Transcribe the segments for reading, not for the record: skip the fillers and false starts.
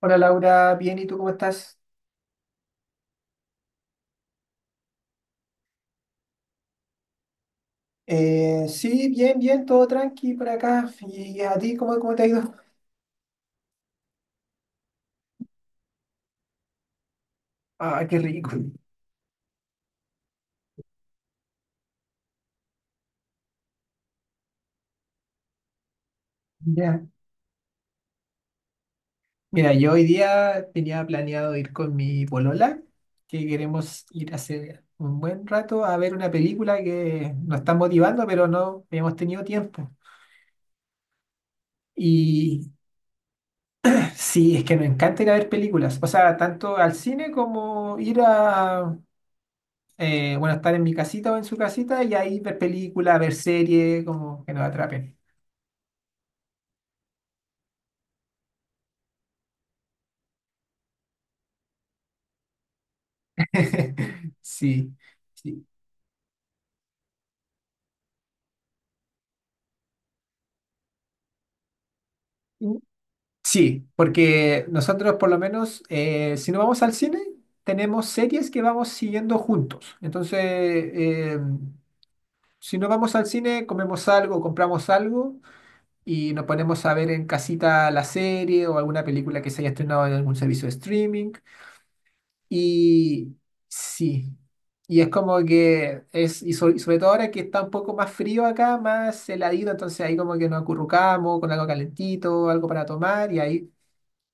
Hola Laura, bien, ¿y tú cómo estás? Sí, bien, bien, todo tranqui por acá. ¿Y a ti cómo te ha ido? Ah, qué rico. Ya. Mira, yo hoy día tenía planeado ir con mi polola, que queremos ir hace un buen rato a ver una película que nos está motivando, pero no hemos tenido tiempo. Y sí, es que nos encanta ir a ver películas, o sea, tanto al cine como ir a, bueno, estar en mi casita o en su casita y ahí ver películas, ver series, como que nos atrapen. Sí, sí. Sí, porque nosotros por lo menos, si no vamos al cine, tenemos series que vamos siguiendo juntos. Entonces, si no vamos al cine, comemos algo, compramos algo y nos ponemos a ver en casita la serie o alguna película que se haya estrenado en algún servicio de streaming. Y sí, y es como que es, y sobre todo ahora que está un poco más frío acá, más heladito, entonces ahí como que nos acurrucamos con algo calentito, algo para tomar y ahí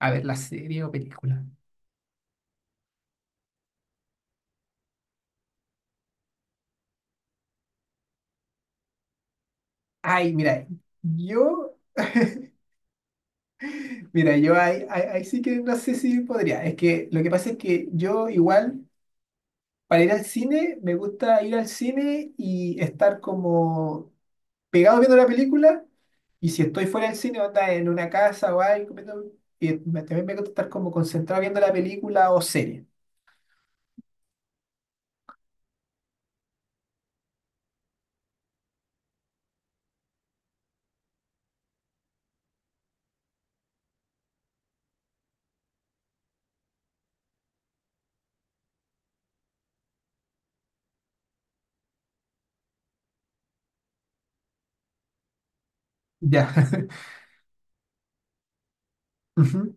a ver la serie o película. Ay, yo, mira, yo ahí sí que no sé si podría. Es que lo que pasa es que yo igual, para ir al cine, me gusta ir al cine y estar como pegado viendo la película y si estoy fuera del cine, onda en una casa o algo, también me gusta estar como concentrado viendo la película o serie. Ya. Ujú.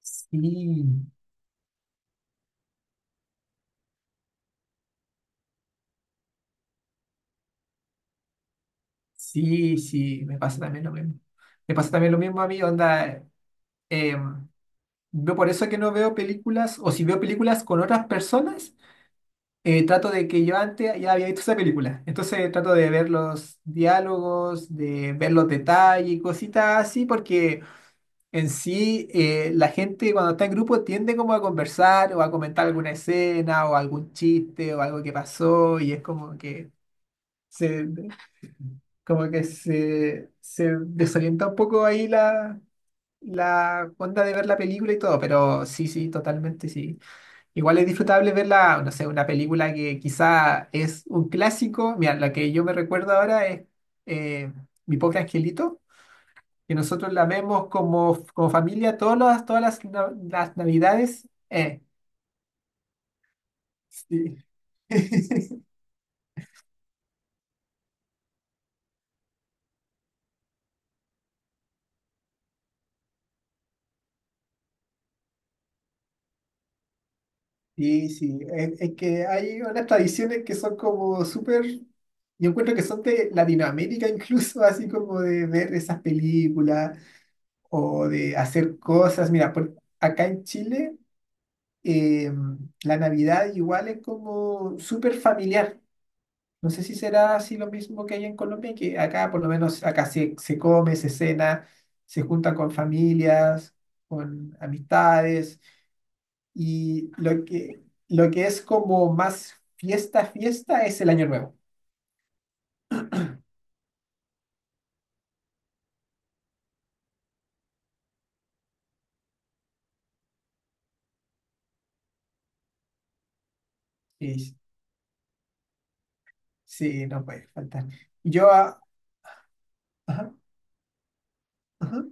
Sí, sí, sí, me pasa también lo mismo. Me pasa también lo mismo a mí, onda. em, yo por eso que no veo películas, o si veo películas con otras personas, trato de que yo antes ya había visto esa película. Entonces trato de ver los diálogos, de ver los detalles y cositas así, porque en sí, la gente cuando está en grupo tiende como a conversar o a comentar alguna escena o algún chiste o algo que pasó y es como que se, se desorienta un poco ahí la onda de ver la película y todo, pero sí, sí, totalmente sí. Igual es disfrutable verla, no sé, una película que quizá es un clásico. Mira, la que yo me recuerdo ahora es eh, Mi pobre angelito, que nosotros la vemos como, como familia las navidades. Sí. Sí, sí, es que hay unas tradiciones que son como súper, yo encuentro que son de Latinoamérica incluso, así como de ver esas películas o de hacer cosas. Mira, acá en Chile eh, la Navidad igual es como súper familiar. No sé si será así lo mismo que hay en Colombia, que acá por lo menos acá se come, se cena, se junta con familias, con amistades. Y lo que es como más fiesta, fiesta es el Año Nuevo. Y sí, no puede faltar. Yo, ah, ajá, ajá.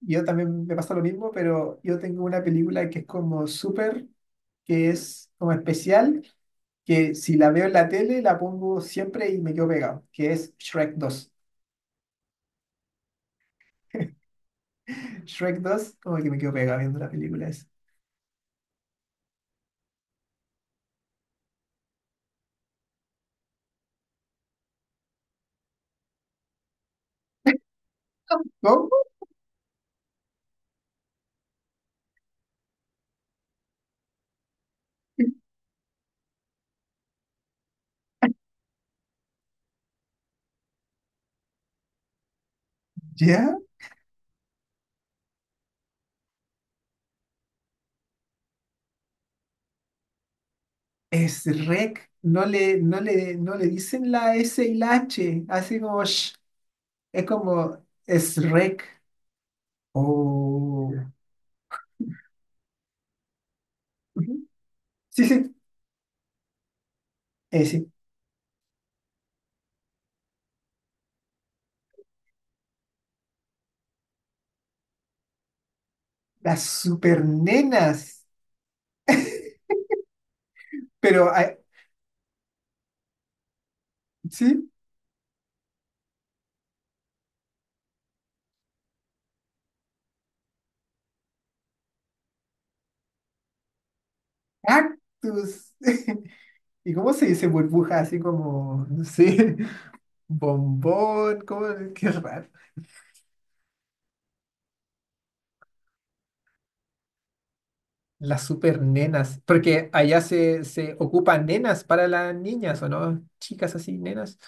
Yo también me pasa lo mismo, pero yo tengo una película que es como súper, que es como especial, que si la veo en la tele la pongo siempre y me quedo pegado, que es Shrek dos. Shrek dos, como que me quedo pegado viendo la película esa. ¿Cómo? ¿Ya? Es Shrek, no le dicen la S y la H, así como sh, es como es Shrek. Oh. Ujú. Sí, sí, sí. Las super nenas. Pero, ah, sí, cactus. ¿Y cómo se dice burbuja? Así como, no sé, bombón, ¿cómo? Qué raro. Las super nenas, porque allá se ocupan nenas para las niñas, ¿o no? Chicas así, nenas.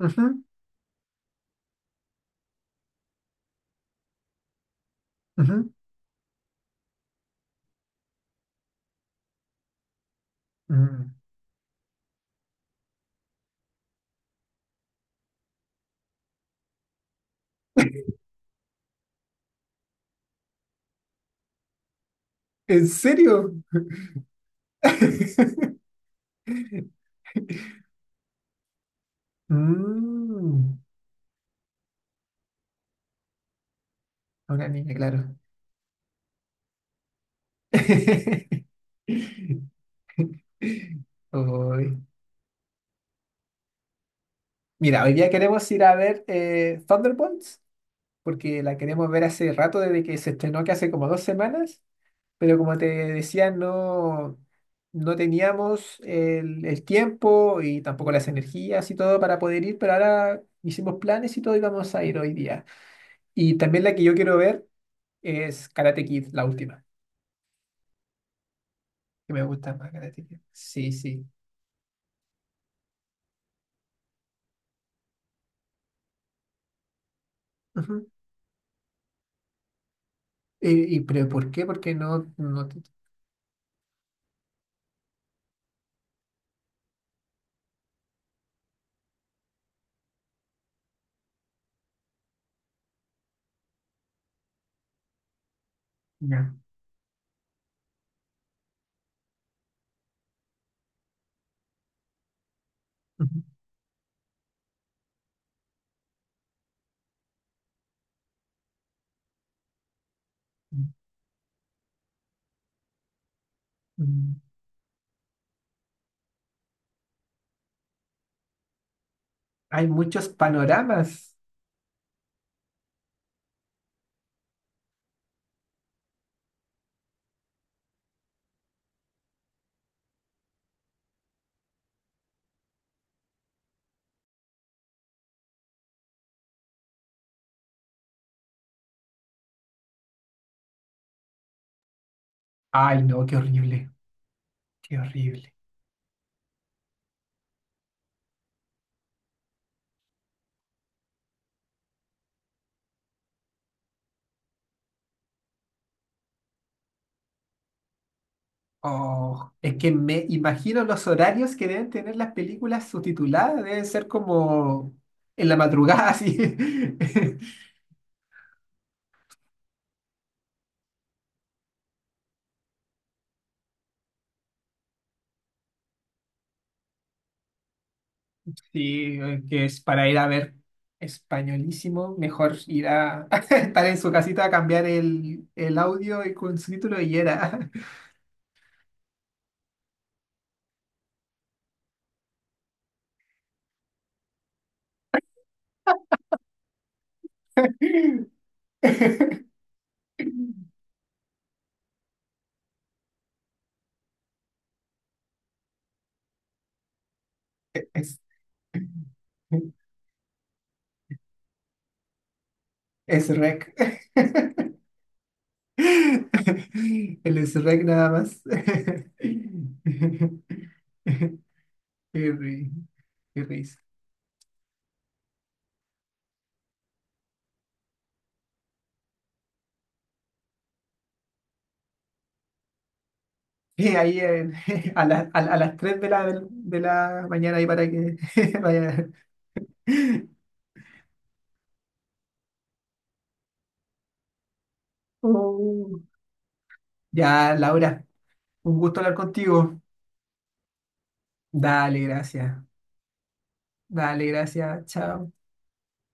Ujú, ujú, mm. ¿En serio? Mm, una niña, claro. Uy. Mira, hoy día queremos ir a ver Thunderbolts, porque la queremos ver hace rato desde que se estrenó, que hace como 2 semanas, pero como te decía, no, no teníamos el tiempo y tampoco las energías y todo para poder ir, pero ahora hicimos planes y todo y vamos a ir hoy día. Y también la que yo quiero ver es Karate Kid, la última, que me gusta más Karate Kid. Sí, sí. Ujú. Y, pero ¿por qué? Porque no, no te- Ya. Ujú. Mm. Hay muchos panoramas. Ay, no, qué horrible, qué horrible. Oh, es que me imagino los horarios que deben tener las películas subtituladas, deben ser como en la madrugada, así. Sí, que es para ir a ver españolísimo, mejor ir a estar en su casita a cambiar el audio y con subtítulo y era. Es, es rec. El es rec nada más. Qué ri- qué risa. Eh, ahí en- a las 3 de la mañana ahí para que vaya. Oh. Ya, Laura, un gusto hablar contigo. Dale, gracias. Dale, gracias. Chao.